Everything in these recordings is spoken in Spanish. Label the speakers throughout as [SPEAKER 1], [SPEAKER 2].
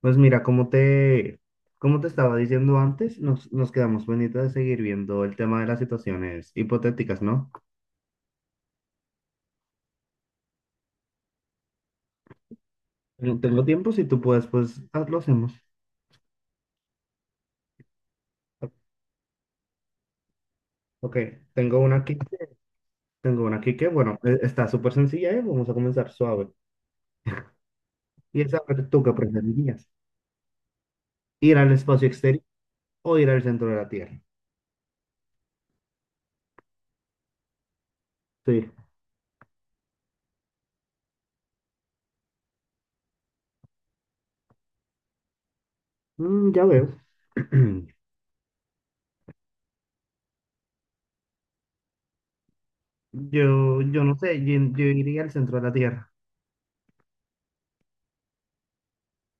[SPEAKER 1] Pues mira, como te estaba diciendo antes, nos quedamos pendientes de seguir viendo el tema de las situaciones hipotéticas, ¿no? Tengo tiempo, si tú puedes, lo hacemos. O- Ok, tengo una aquí, tengo una aquí que, bueno, está súper sencilla y vamos a comenzar suave. Y es, a ver, ¿tú qué preferirías? ¿Ir al espacio exterior o ir al centro de la Tierra? Sí. Mm, ya veo. Yo no sé, yo iría al centro de la Tierra.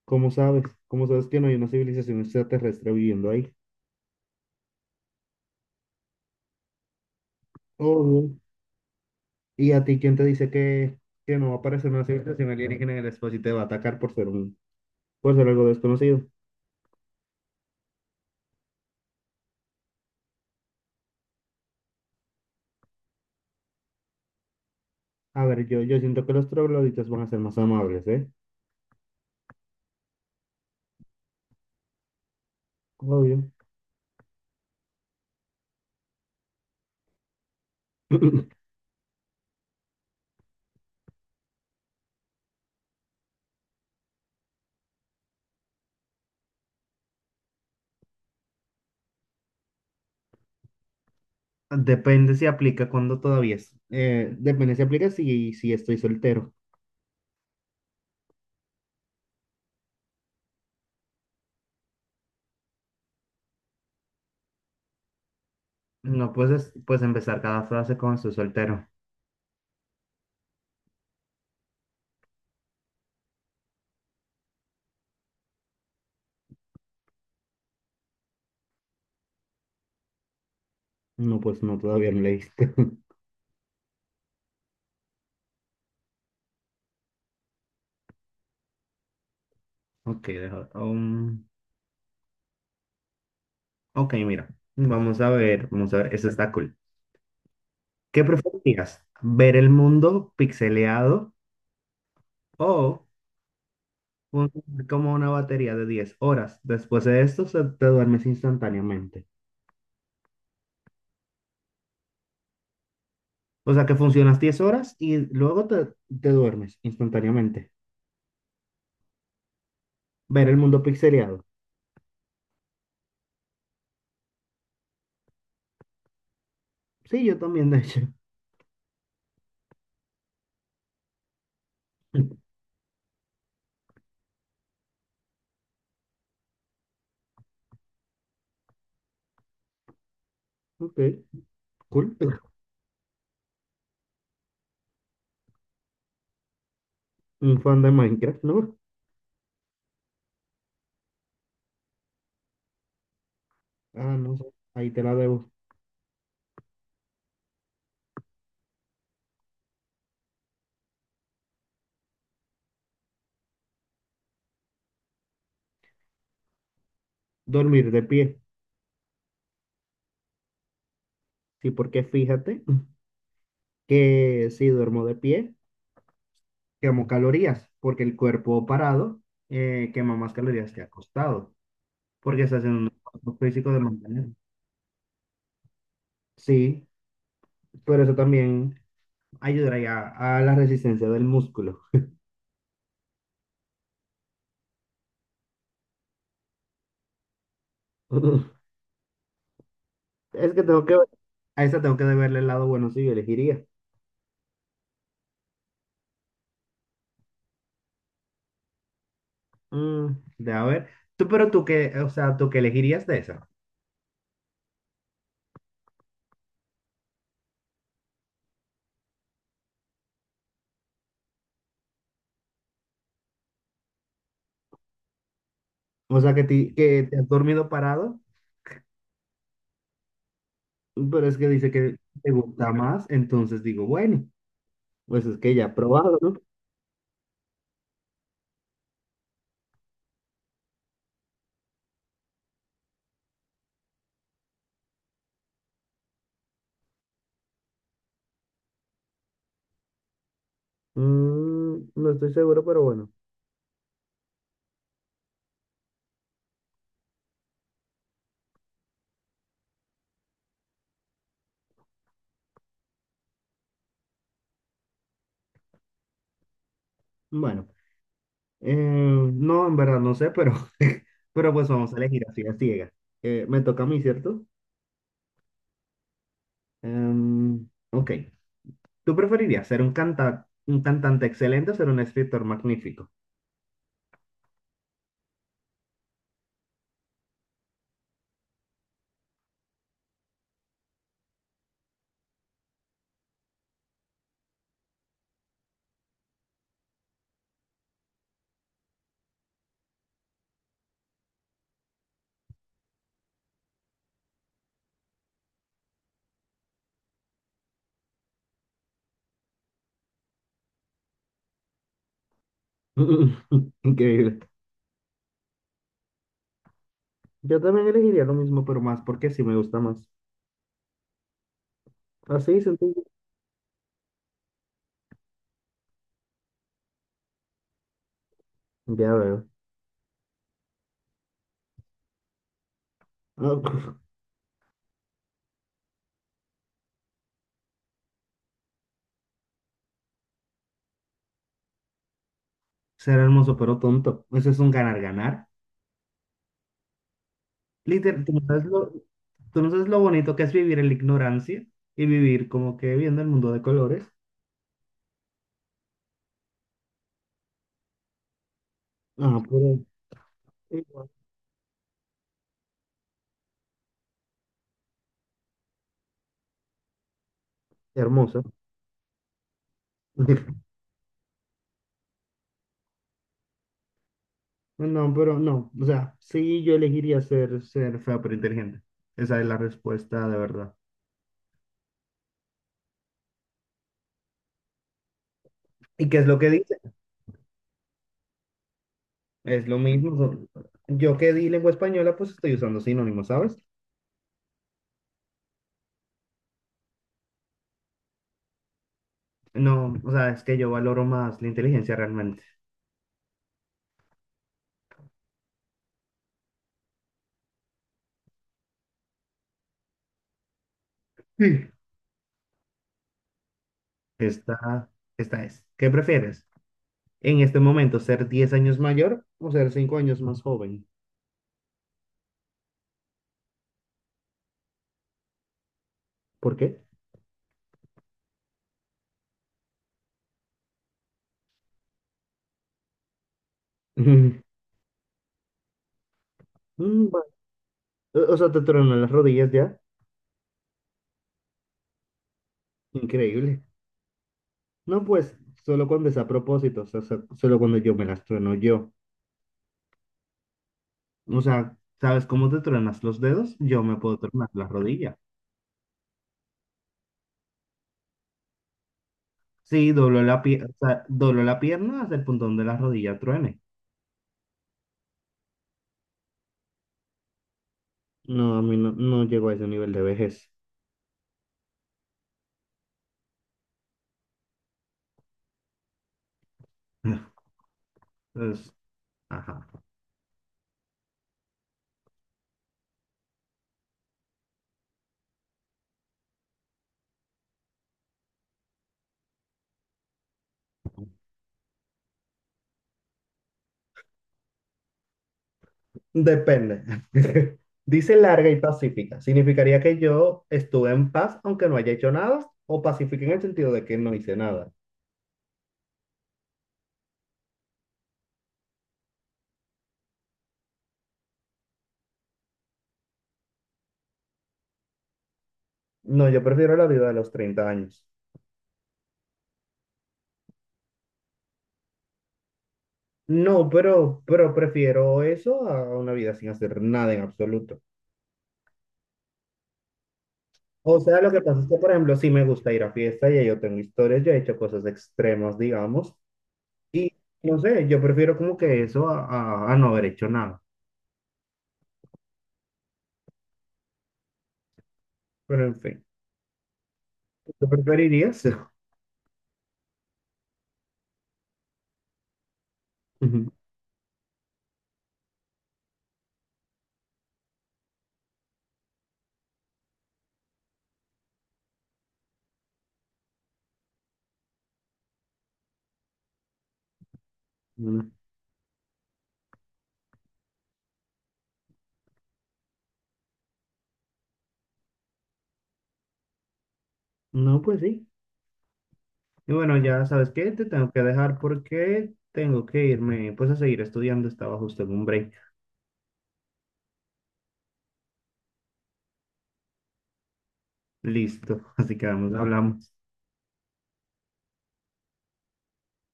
[SPEAKER 1] ¿Cómo sabes? ¿Cómo sabes que no hay una civilización extraterrestre viviendo ahí? Oh, ¿y a ti quién te dice que no va a aparecer una civilización alienígena en el espacio y te va a atacar por ser por ser algo desconocido? A ver, yo siento que los trogloditas van a ser más amables, ¿eh? Obvio. Depende si aplica cuando todavía es, depende si aplica si estoy soltero. No puedes empezar cada frase con estoy soltero. No, pues no, todavía no leíste. Ok, deja, ok, mira. Vamos a ver, vamos a ver. Eso está cool. ¿Qué preferirías? ¿Ver el mundo pixeleado o un- como una batería de 10 horas? Después de esto te duermes instantáneamente. O sea que funcionas 10 horas y luego te duermes instantáneamente. Ver el mundo pixeleado. Sí, yo también, de hecho. Ok, cool. Un fan de Minecraft, ¿no? Ah, no sé. Ahí te la debo. Dormir de pie. Sí, porque fíjate que si duermo de pie, quemo calorías, porque el cuerpo parado, quema más calorías que acostado, porque estás en un esfuerzo físico de mantener. Sí, pero eso también ayudaría a la resistencia del músculo. Es que tengo que, a esa tengo que verle el lado bueno, si yo elegiría. Mm, de a ver, tú, pero tú qué, o sea, tú qué elegirías de esa. O sea, que te has dormido parado, pero es que dice que te gusta más, entonces digo, bueno, pues es que ya he probado, ¿no? Mm, no estoy seguro, pero bueno. Bueno, eh, no, en verdad no sé, pero, pero pues vamos a elegir así a ciegas. Me toca a mí, ¿cierto? Ok. ¿Tú preferirías ser un un cantante excelente o ser un escritor magnífico? Increíble. Yo también elegiría lo mismo, pero más porque sí me gusta más. Así, sencillo. Ya veo. Ser hermoso pero tonto. Eso es un ganar-ganar. Literal, tú no sabes lo bonito que es vivir en la ignorancia y vivir como que viendo el mundo de colores. Ah, pero igual, hermoso. No, pero no, o sea, sí, yo elegiría ser, ser feo pero inteligente. Esa es la respuesta de verdad. ¿Y qué es lo que dice? Es lo mismo, yo que di lengua española, pues estoy usando sinónimos, ¿sabes? No, o sea, es que yo valoro más la inteligencia realmente. Sí. Esta, esta es. ¿Qué prefieres en este momento, ser 10 años mayor o ser 5 años más joven? ¿Por qué? Mm, bueno. O sea, te tronan las rodillas ya. Increíble. No, pues, solo cuando es a propósito, o sea, solo cuando yo me las trueno yo. O sea, ¿sabes cómo te truenas los dedos? Yo me puedo tronar la rodilla. Sí, doblo la pierna, o sea, doblo la pierna hasta el punto donde la rodilla truene. No, a mí no, no llego a ese nivel de vejez. Pues, ajá. Depende. Dice larga y pacífica. Significaría que yo estuve en paz aunque no haya hecho nada, o pacífica en el sentido de que no hice nada. No, yo prefiero la vida de los 30 años. No, pero prefiero eso a una vida sin hacer nada en absoluto. O sea, lo que pasa es que, por ejemplo, sí me gusta ir a fiesta y ahí yo tengo historias, yo he hecho cosas extremas, digamos, y no sé, yo prefiero como que eso a, a no haber hecho nada. Pero en fin, ¿tú preferirías? No, pues sí. Y bueno, ya sabes qué, te tengo que dejar porque tengo que irme pues a seguir estudiando, estaba justo en un break. Listo, así que vamos, hablamos.